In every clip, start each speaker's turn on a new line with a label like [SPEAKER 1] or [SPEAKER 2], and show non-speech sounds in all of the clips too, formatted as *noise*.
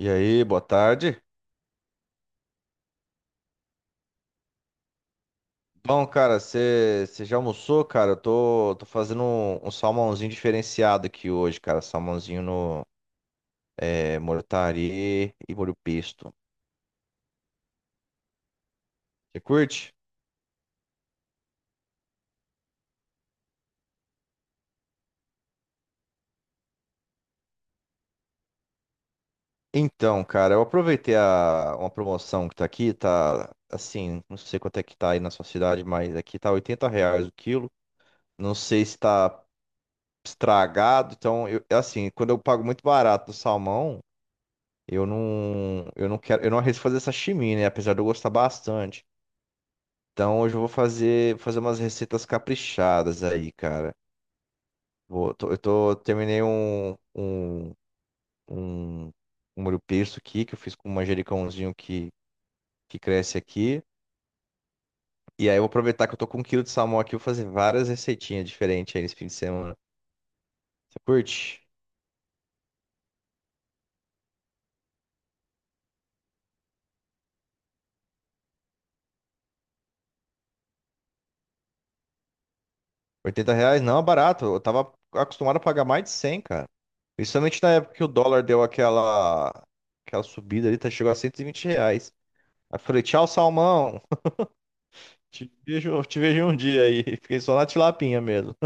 [SPEAKER 1] E aí, boa tarde. Bom, cara, você já almoçou, cara? Eu tô fazendo um salmãozinho diferenciado aqui hoje, cara. Salmãozinho no mortari e molho pesto. Você curte? Então, cara, eu aproveitei uma promoção que tá aqui, tá assim, não sei quanto é que tá aí na sua cidade, mas aqui tá R$ reais o quilo. Não sei se tá estragado, então, eu, assim, quando eu pago muito barato no salmão. Eu não quero, eu não arrisco fazer sashimi, né? Apesar de eu gostar bastante. Então hoje eu vou fazer umas receitas caprichadas aí, cara. Vou, tô- eu tô, Terminei um molho pesto aqui, que eu fiz com um manjericãozinho que cresce aqui. E aí eu vou aproveitar que eu tô com 1 quilo de salmão aqui, vou fazer várias receitinhas diferentes aí nesse fim de semana. Você curte? 80 reais não é barato. Eu tava acostumado a pagar mais de 100, cara. Principalmente na época que o dólar deu aquela subida ali, tá, chegou a 120 reais. Aí eu falei, tchau, salmão. Te vejo um dia aí. *laughs* Fiquei só na tilapinha mesmo.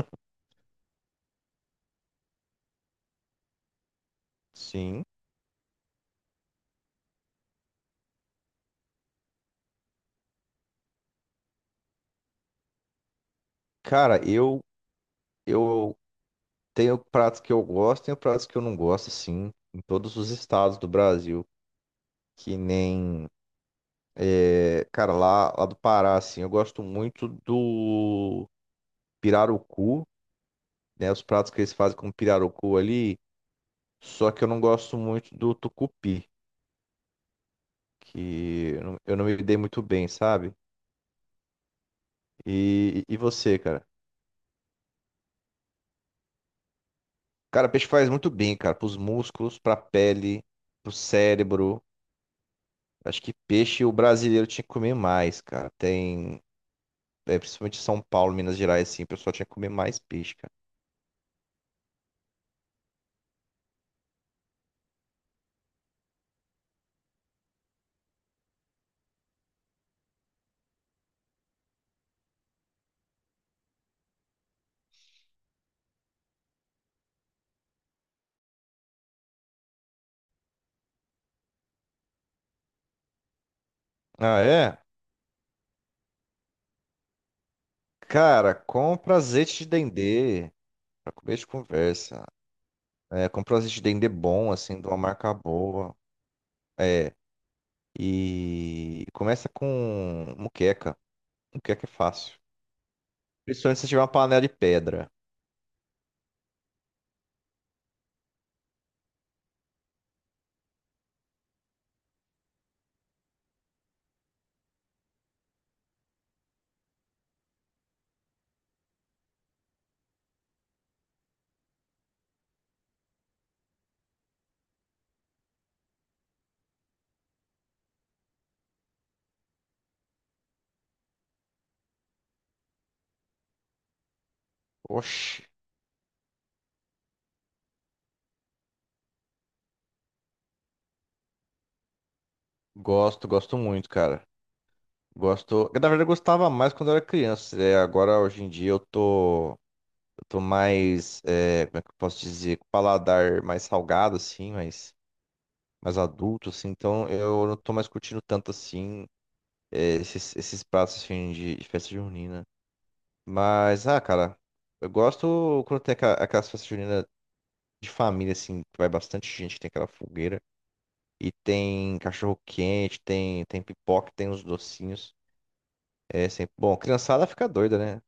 [SPEAKER 1] Sim. Cara, eu tenho pratos que eu gosto, tenho pratos que eu não gosto, sim, em todos os estados do Brasil. Que nem, é, cara, lá do Pará, assim, eu gosto muito do pirarucu. Né? Os pratos que eles fazem com pirarucu ali. Só que eu não gosto muito do tucupi, que eu não me dei muito bem, sabe? E você, cara? Cara, peixe faz muito bem, cara, pros músculos, pra pele, pro cérebro. Acho que peixe o brasileiro tinha que comer mais, cara. Tem, é, principalmente São Paulo, Minas Gerais, assim, o pessoal tinha que comer mais peixe, cara. Ah, é? Cara, compra azeite de dendê pra comer de conversa. É, compra azeite de dendê bom, assim, de uma marca boa. É. E começa com muqueca. Muqueca é fácil. Principalmente se tiver uma panela de pedra. Oxi, gosto, gosto muito, cara. Gosto. Na verdade, eu gostava mais quando eu era criança. É, agora, hoje em dia, eu tô mais. É, como é que eu posso dizer? Com o paladar mais salgado, assim, mais, mais adulto, assim. Então, eu não tô mais curtindo tanto, assim, é, esses pratos, assim, de festa junina. Mas, ah, cara, eu gosto quando tem aquelas festas juninas de família, assim, que vai bastante gente, que tem aquela fogueira. E tem cachorro quente, tem, tem pipoca, tem os docinhos. É sempre bom. Criançada fica doida, né?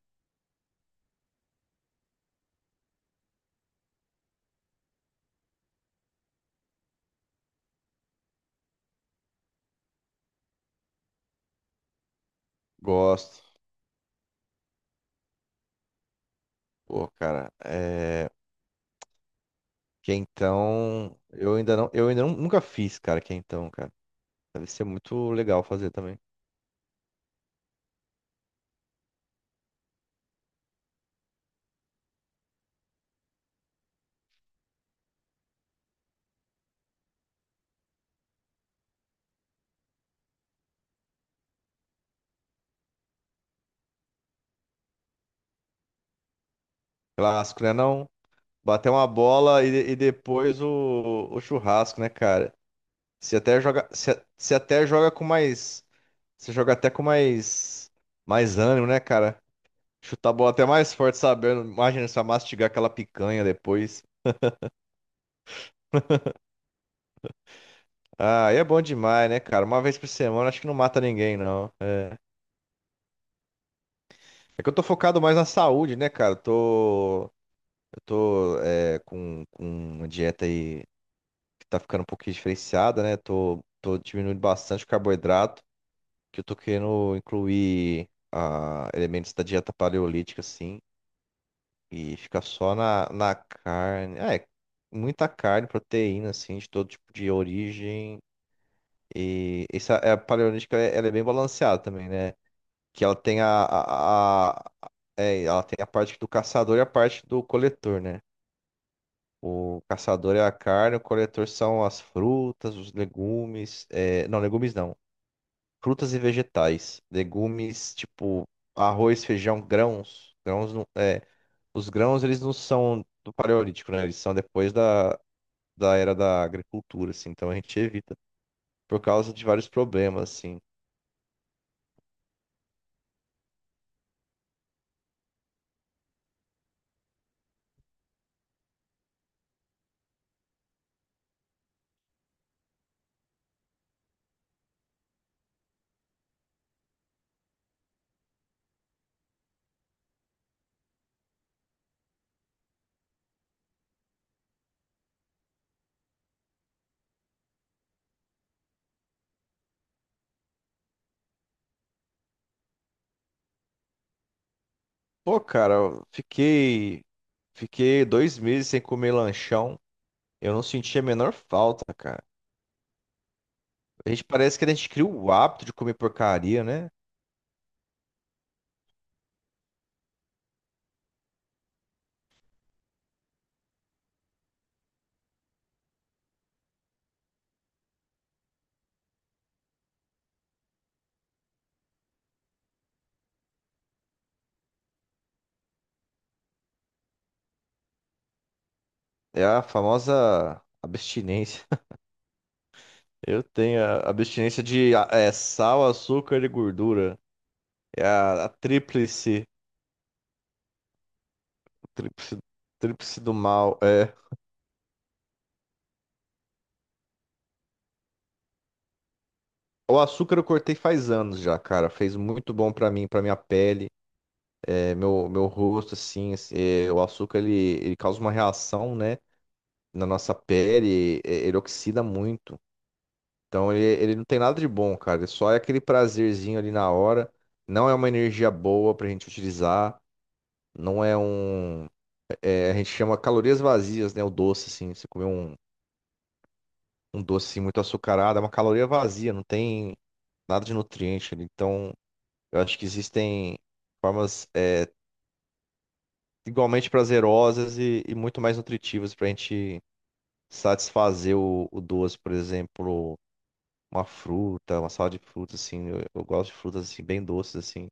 [SPEAKER 1] Gosto. Pô, cara, é. Que então. Eu ainda não. Eu ainda nunca fiz, cara, que então, cara. Deve ser muito legal fazer também. Clássico, né? Não? Bater uma bola e depois o churrasco, né, cara? Se até joga. Se até joga com mais. Você joga até com mais. Mais ânimo, né, cara? Chutar a bola até mais forte, sabendo. Imagina só mastigar aquela picanha depois. Ah, e é bom demais, né, cara? Uma vez por semana acho que não mata ninguém, não. É é que eu tô focado mais na saúde, né, cara? Eu tô com uma dieta aí que tá ficando um pouquinho diferenciada, né? Tô diminuindo bastante o carboidrato, que eu tô querendo incluir ah, elementos da dieta paleolítica, assim, e ficar só na carne. Ah, é, muita carne, proteína, assim, de todo tipo de origem. E essa é, a paleolítica, é- ela é bem balanceada também, né? Que ela tem ela tem a parte do caçador e a parte do coletor, né? O caçador é a carne, o coletor são as frutas, os legumes, é, não, legumes não, frutas e vegetais. Legumes tipo arroz, feijão, grãos. Grãos não, é, os grãos eles não são do paleolítico, né? Eles são depois da era da agricultura, assim. Então a gente evita por causa de vários problemas, assim. Pô, cara, fiquei 2 meses sem comer lanchão. Eu não senti a menor falta, cara. A gente parece que a gente cria o hábito de comer porcaria, né? É a famosa abstinência. *laughs* Eu tenho a abstinência de é, sal, açúcar e gordura. É a tríplice, tríplice do mal. É. O açúcar eu cortei faz anos já, cara. Fez muito bom pra mim, pra minha pele, é, meu rosto, assim. Assim, é, o açúcar ele causa uma reação, né? Na nossa pele, é, ele oxida muito. Então ele não tem nada de bom, cara. Ele só é aquele prazerzinho ali na hora. Não é uma energia boa pra gente utilizar. Não é um. É, a gente chama calorias vazias, né? O doce, assim. Você comer um, um doce assim, muito açucarado, é uma caloria vazia, não tem nada de nutriente ali. Então eu acho que existem formas é, igualmente prazerosas e muito mais nutritivas pra gente satisfazer o doce, por exemplo. Uma fruta, uma salada de frutas, assim. Eu gosto de frutas, assim, bem doces, assim.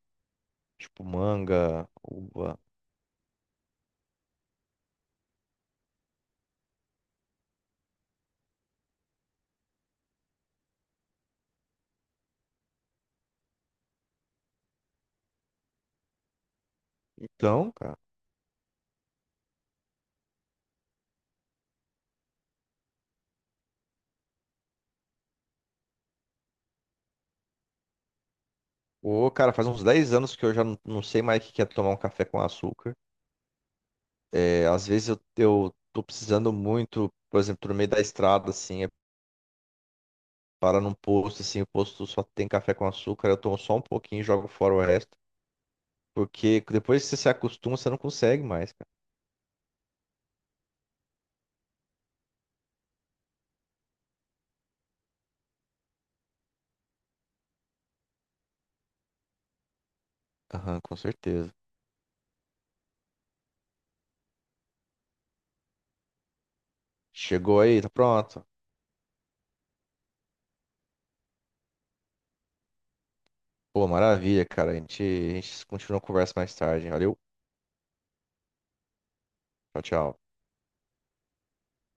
[SPEAKER 1] Tipo manga, uva. Então, cara. Ô, cara, faz uns 10 anos que eu já não, não sei mais o que que é tomar um café com açúcar. É, às vezes eu tô precisando muito, por exemplo, tô no meio da estrada, assim, é, para num posto, assim, o posto só tem café com açúcar, eu tomo só um pouquinho e jogo fora o resto. Porque depois que você se acostuma, você não consegue mais, cara. Aham, com certeza. Chegou aí, tá pronto. Pô, maravilha, cara. A gente continua a conversa mais tarde. Valeu. Tchau, tchau.